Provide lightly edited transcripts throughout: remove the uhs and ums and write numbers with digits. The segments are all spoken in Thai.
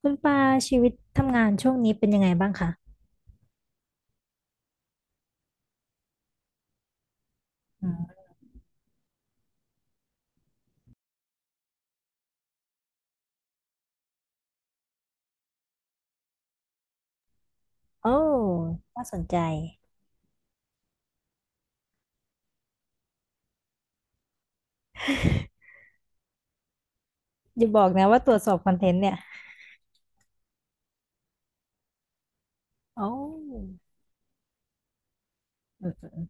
คุณปาชีวิตทำงานช่วงนี้เป็นยังไงบ้างคะอืมโอ้น่าสนใจ อย่าบอกนะว่าตรวจสอบคอนเทนต์เนี่ยโอ้อืมอืมอืม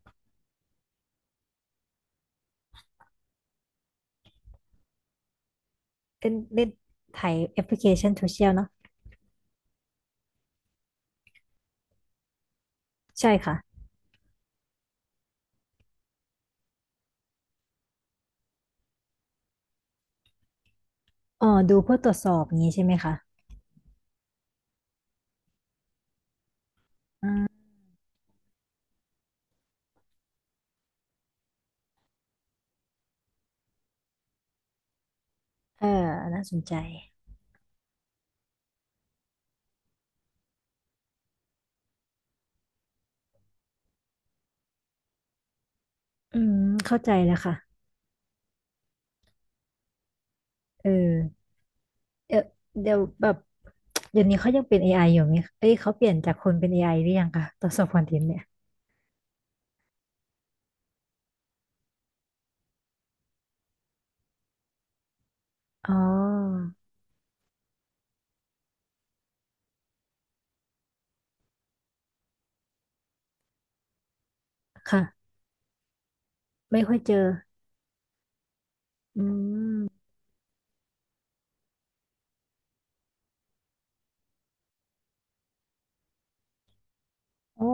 เป็นเล่นถ่ายแอปพลิเคชันโซเชียลเนาะใช่ค่ะ อ๋อดูเพื่อตรวจสอบอย่างนี้ใช่ไหมคะอืมเออน่าสนใจ อืมเข้าใจแล้วค่ะเออเดี๋ยวเดี๋ยวแบบเดี๋ยวนี้เขายังเป็น AI อยู่ไหมเอ้ยเขาเปลี่ยนจากคนเป็น AI หรือยังคะตรวจสอบคอนเทนต์เนี่ยอ๋อค่ะไม่ค่อยเจออืมโอ้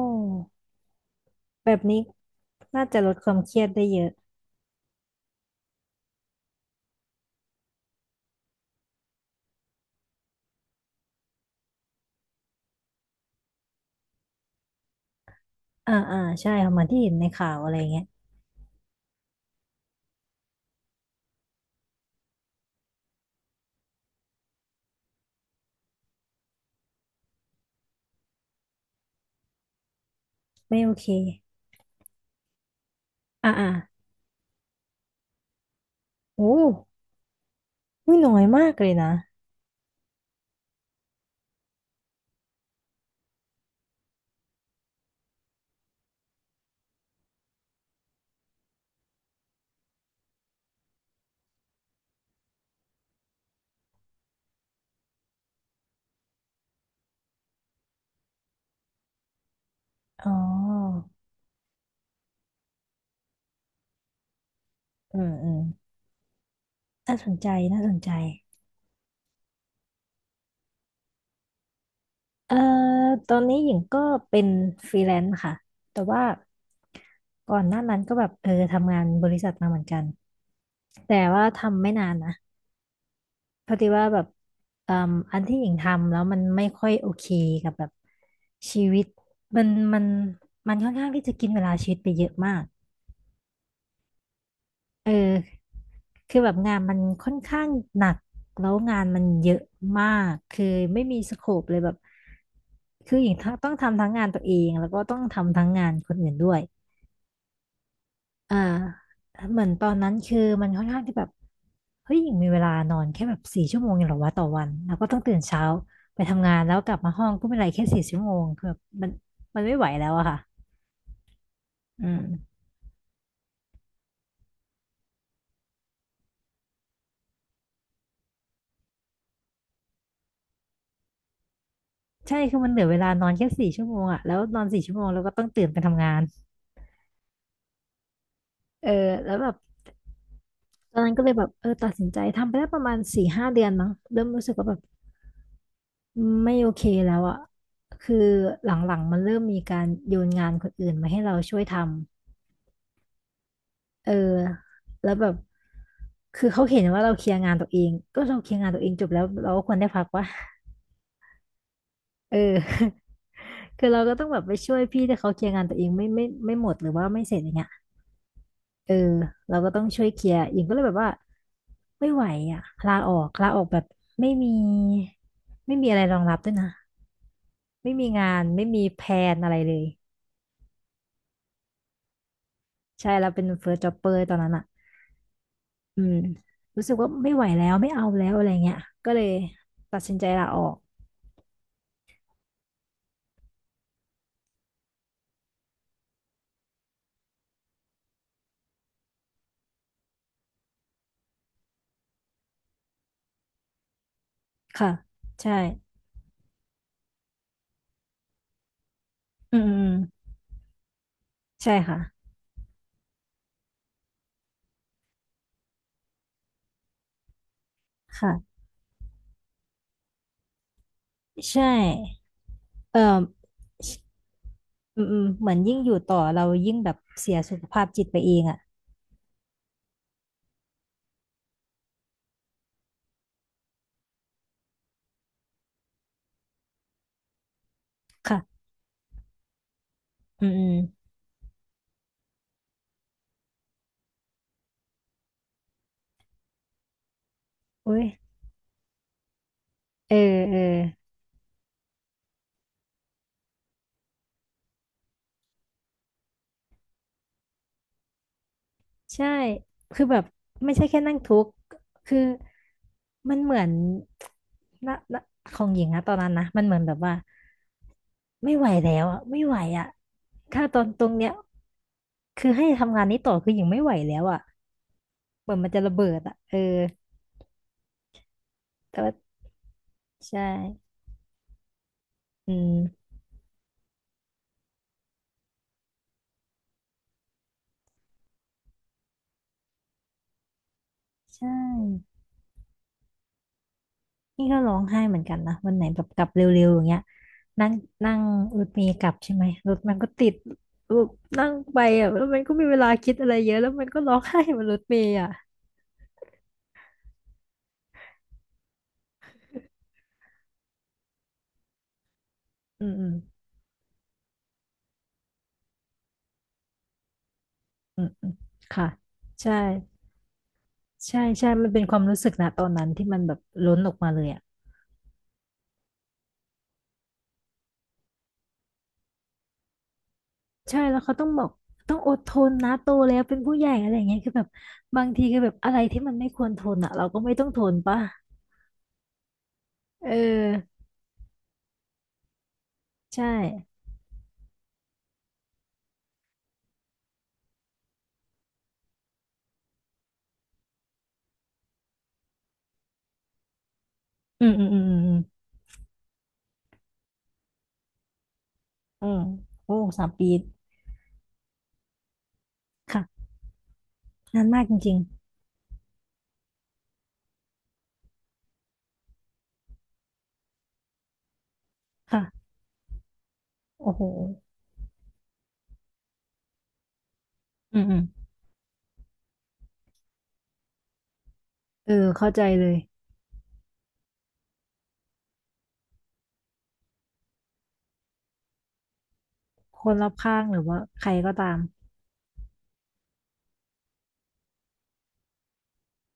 แบบนี้น่าจะลดความเครียดได้เยอะอ่าอ่าใช่ค่ะเหมือนที่เห็นในข่าวอะไรเงี้ยไม่โอเคอ่าอ่าโอ้ไม่น้อยมากเลยนะ อ๋ออืมอืมน่าสนใจ น่าสนใจ เอ่อตอนนี้หญิงก็เป็นฟรีแลนซ์ค่ะ แต่ว่าก่อนหน้านั้นก็แบบเออทำงานบริษัทมาเหมือนกัน แต่ว่าทำไม่นานนะ พอดีว่าแบบเอ่มอันที่หญิงทำแล้วมันไม่ค่อยโอเคกับแบบชีวิตมันมันมันค่อนข้างที่จะกินเวลาชีวิตไปเยอะมากเออคือแบบงานมันค่อนข้างหนักแล้วงานมันเยอะมากคือไม่มีสโคปเลยแบบคือหญิงต้องทำทั้งงานตัวเองแล้วก็ต้องทำทั้งงานคนอื่นด้วย อ่าเหมือนตอนนั้นคือมันค่อนข้างที่แบบเฮ้ยยังมีเวลานอนแค่แบบสี่ชั่วโมงเองเหรอวะต่อวันแล้วก็ต้องตื่นเช้าไปทำงานแล้วกลับมาห้องก็ไม่ไรแค่สี่ชั่วโมงคือแบบมันไม่ไหวแล้วอะค่ะอืมใช่คือมันเหลือเวลานอนแค่สี่ชั่วโมงอะแล้วนอนสี่ชั่วโมงแล้วก็ต้องตื่นไปทำงานเออแล้วแบบตอนนั้นก็เลยแบบเออตัดสินใจทำไปได้ประมาณสี่ห้าเดือนมั้งเริ่มรู้สึกว่าแบบไม่โอเคแล้วอะคือหลังๆมันเริ่มมีการโยนงานคนอื่นมาให้เราช่วยทำ เออแล้วแบบคือเขาเห็นว่าเราเคลียร์งานตัวเองก็เราเคลียร์งานตัวเองจบแล้วเราก็ควรได้พักวะเออ คือเราก็ต้องแบบไปช่วยพี่ที่เขาเคลียร์งานตัวเองไม่หมดหรือว่าไม่เสร็จอย่างเงี้ยเออเราก็ต้องช่วยเคลียร์อิงก็เลยแบบว่าไม่ไหวอ่ะลาออกแบบไม่มีไม่มีอะไรรองรับด้วยนะไม่มีงานไม่มีแผนอะไรเลยใช่เราเป็นเฟิร์สจ็อบเปอร์ตอนนั้นอ่ะอืมรู้สึกว่าไม่ไหวแล้วไม่เอาแล้วอะไรเงี้ยก็เลยตัดสินใจลาออก ค่ะใช่อืมอืมใช่ค่ะค่ะใช่เอออืมอืมเหมือนยิ่งอยู่ต่อเรายิ่งแบบเสียสุขภาพจิตไปเองอ่ะค่ะอืมอืมอุ้ยเออเออใช่คือแบบไม่ใช่แค่นั่งทุกข์คือมันเหมือนนะของหญิงนะตอนนั้นนะมันเหมือนแบบว่าไม่ไหวแล้วอ่ะไม่ไหวอ่ะถ้าตอนตรงเนี้ยคือให้ทำงานนี้ต่อคือหญิงไม่ไหวแล้วอ่ะเหมือนมันจะระเบิดอ่ะเออแต่ว่าใช่ อืมใช่นี่ก็ร้องไห้เหมือนกันนะวันไหนแบบกลับเร็วๆอย่างเงี้ยนั่งนั่งรถเมล์กลับใช่ไหมรถมันก็ติดแบบนั่งไปอ่ะแล้วมันก็มีเวลาคิดอะไรเยอะแล้วมันก็ร้องไห้บนรถเมล์อ่ะอืมอืมอืมอืมค่ะใช่ใช่ใช่มันเป็นความรู้สึกนะตอนนั้นที่มันแบบล้นออกมาเลยอ่ะใช่แล้วเขาต้องบอกต้องอดทนนะโตแล้วเป็นผู้ใหญ่อะไรอย่างเงี้ยคือแบบบางทีคือแบบอะไรที่มันไม่ควรทนอ่ะเราก็ไม่ต้องทนป่ะเออใช่อืมอืมอืมอืม อืมโอ้สามปีค่ะนานมากจริงๆค่ะโอ้โหอืมอืมเออเข้าใจเลยคนรอบข้างหรือว่าใครก็ตาม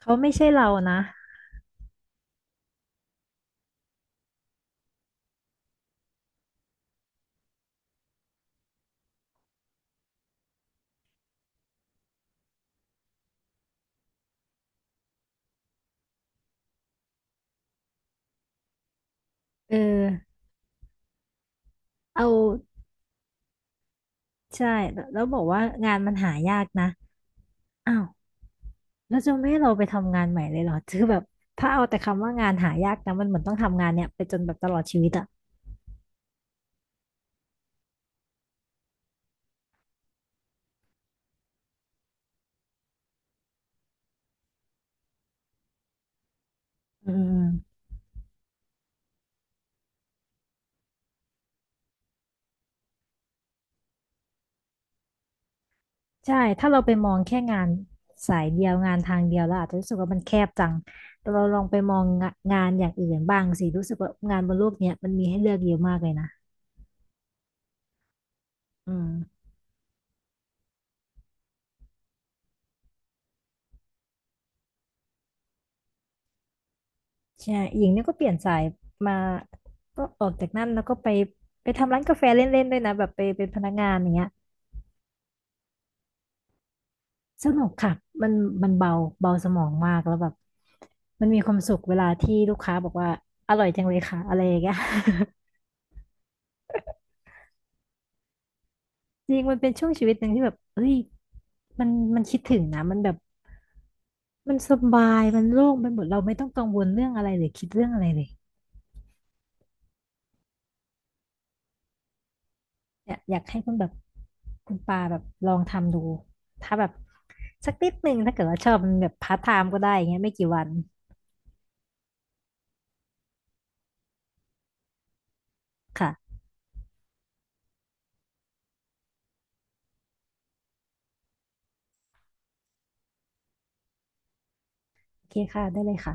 เขาไม่ใช่เรานะเออเอาใช่แล้วแล้วบอกว่างานมันหายากนะอ้าวแล้วจะไม่ให้เราไปทำงานใหม่เลยเหรอ คือแบบถ้าเอาแต่คำว่างานหายากนะมันเหมือนต้องทำงานเนี่ยไปจนแบบตลอดชีวิตอ่ะอืม ใช่ถ้าเราไปมองแค่งานสายเดียวงานทางเดียวเราอาจจะรู้สึกว่ามันแคบจังแต่เราลองไปมองงะงานอย่างอื่นบ้างสิรู้สึกว่างานบนโลกเนี้ยมันมีให้เลือกเยอะมากเลยนะอืมใช่หญิงเนี่ยก็เปลี่ยนสายมาก็ออกจากนั่นแล้วก็ไปไปทำร้านกาแฟเล่นๆด้วยนะแบบไปเป็นพนักงานอย่างเงี้ยสนุกค่ะมันมันเบาเบาสมองมากแล้วแบบมันมีความสุขเวลาที่ลูกค้าบอกว่าอร่อยจังเลยค่ะอะไรอย่างเงี้ย จริงมันเป็นช่วงชีวิตหนึ่งที่แบบเอ้ยมันมันคิดถึงนะมันแบบมันสบายมันโล่งไปหมดเราไม่ต้องกังวลเรื่องอะไรเลยคิดเรื่องอะไรเลยเนี่ยอยากให้คุณแบบคุณปาแบบลองทำดูถ้าแบบสักนิดหนึ่งถ้าเกิดว่าชอบมันแบบพาร์ทไทม์ก็ได้อย่างเงี้ยไม่กี่วันค่ะโอเคค่ะได้เลยค่ะ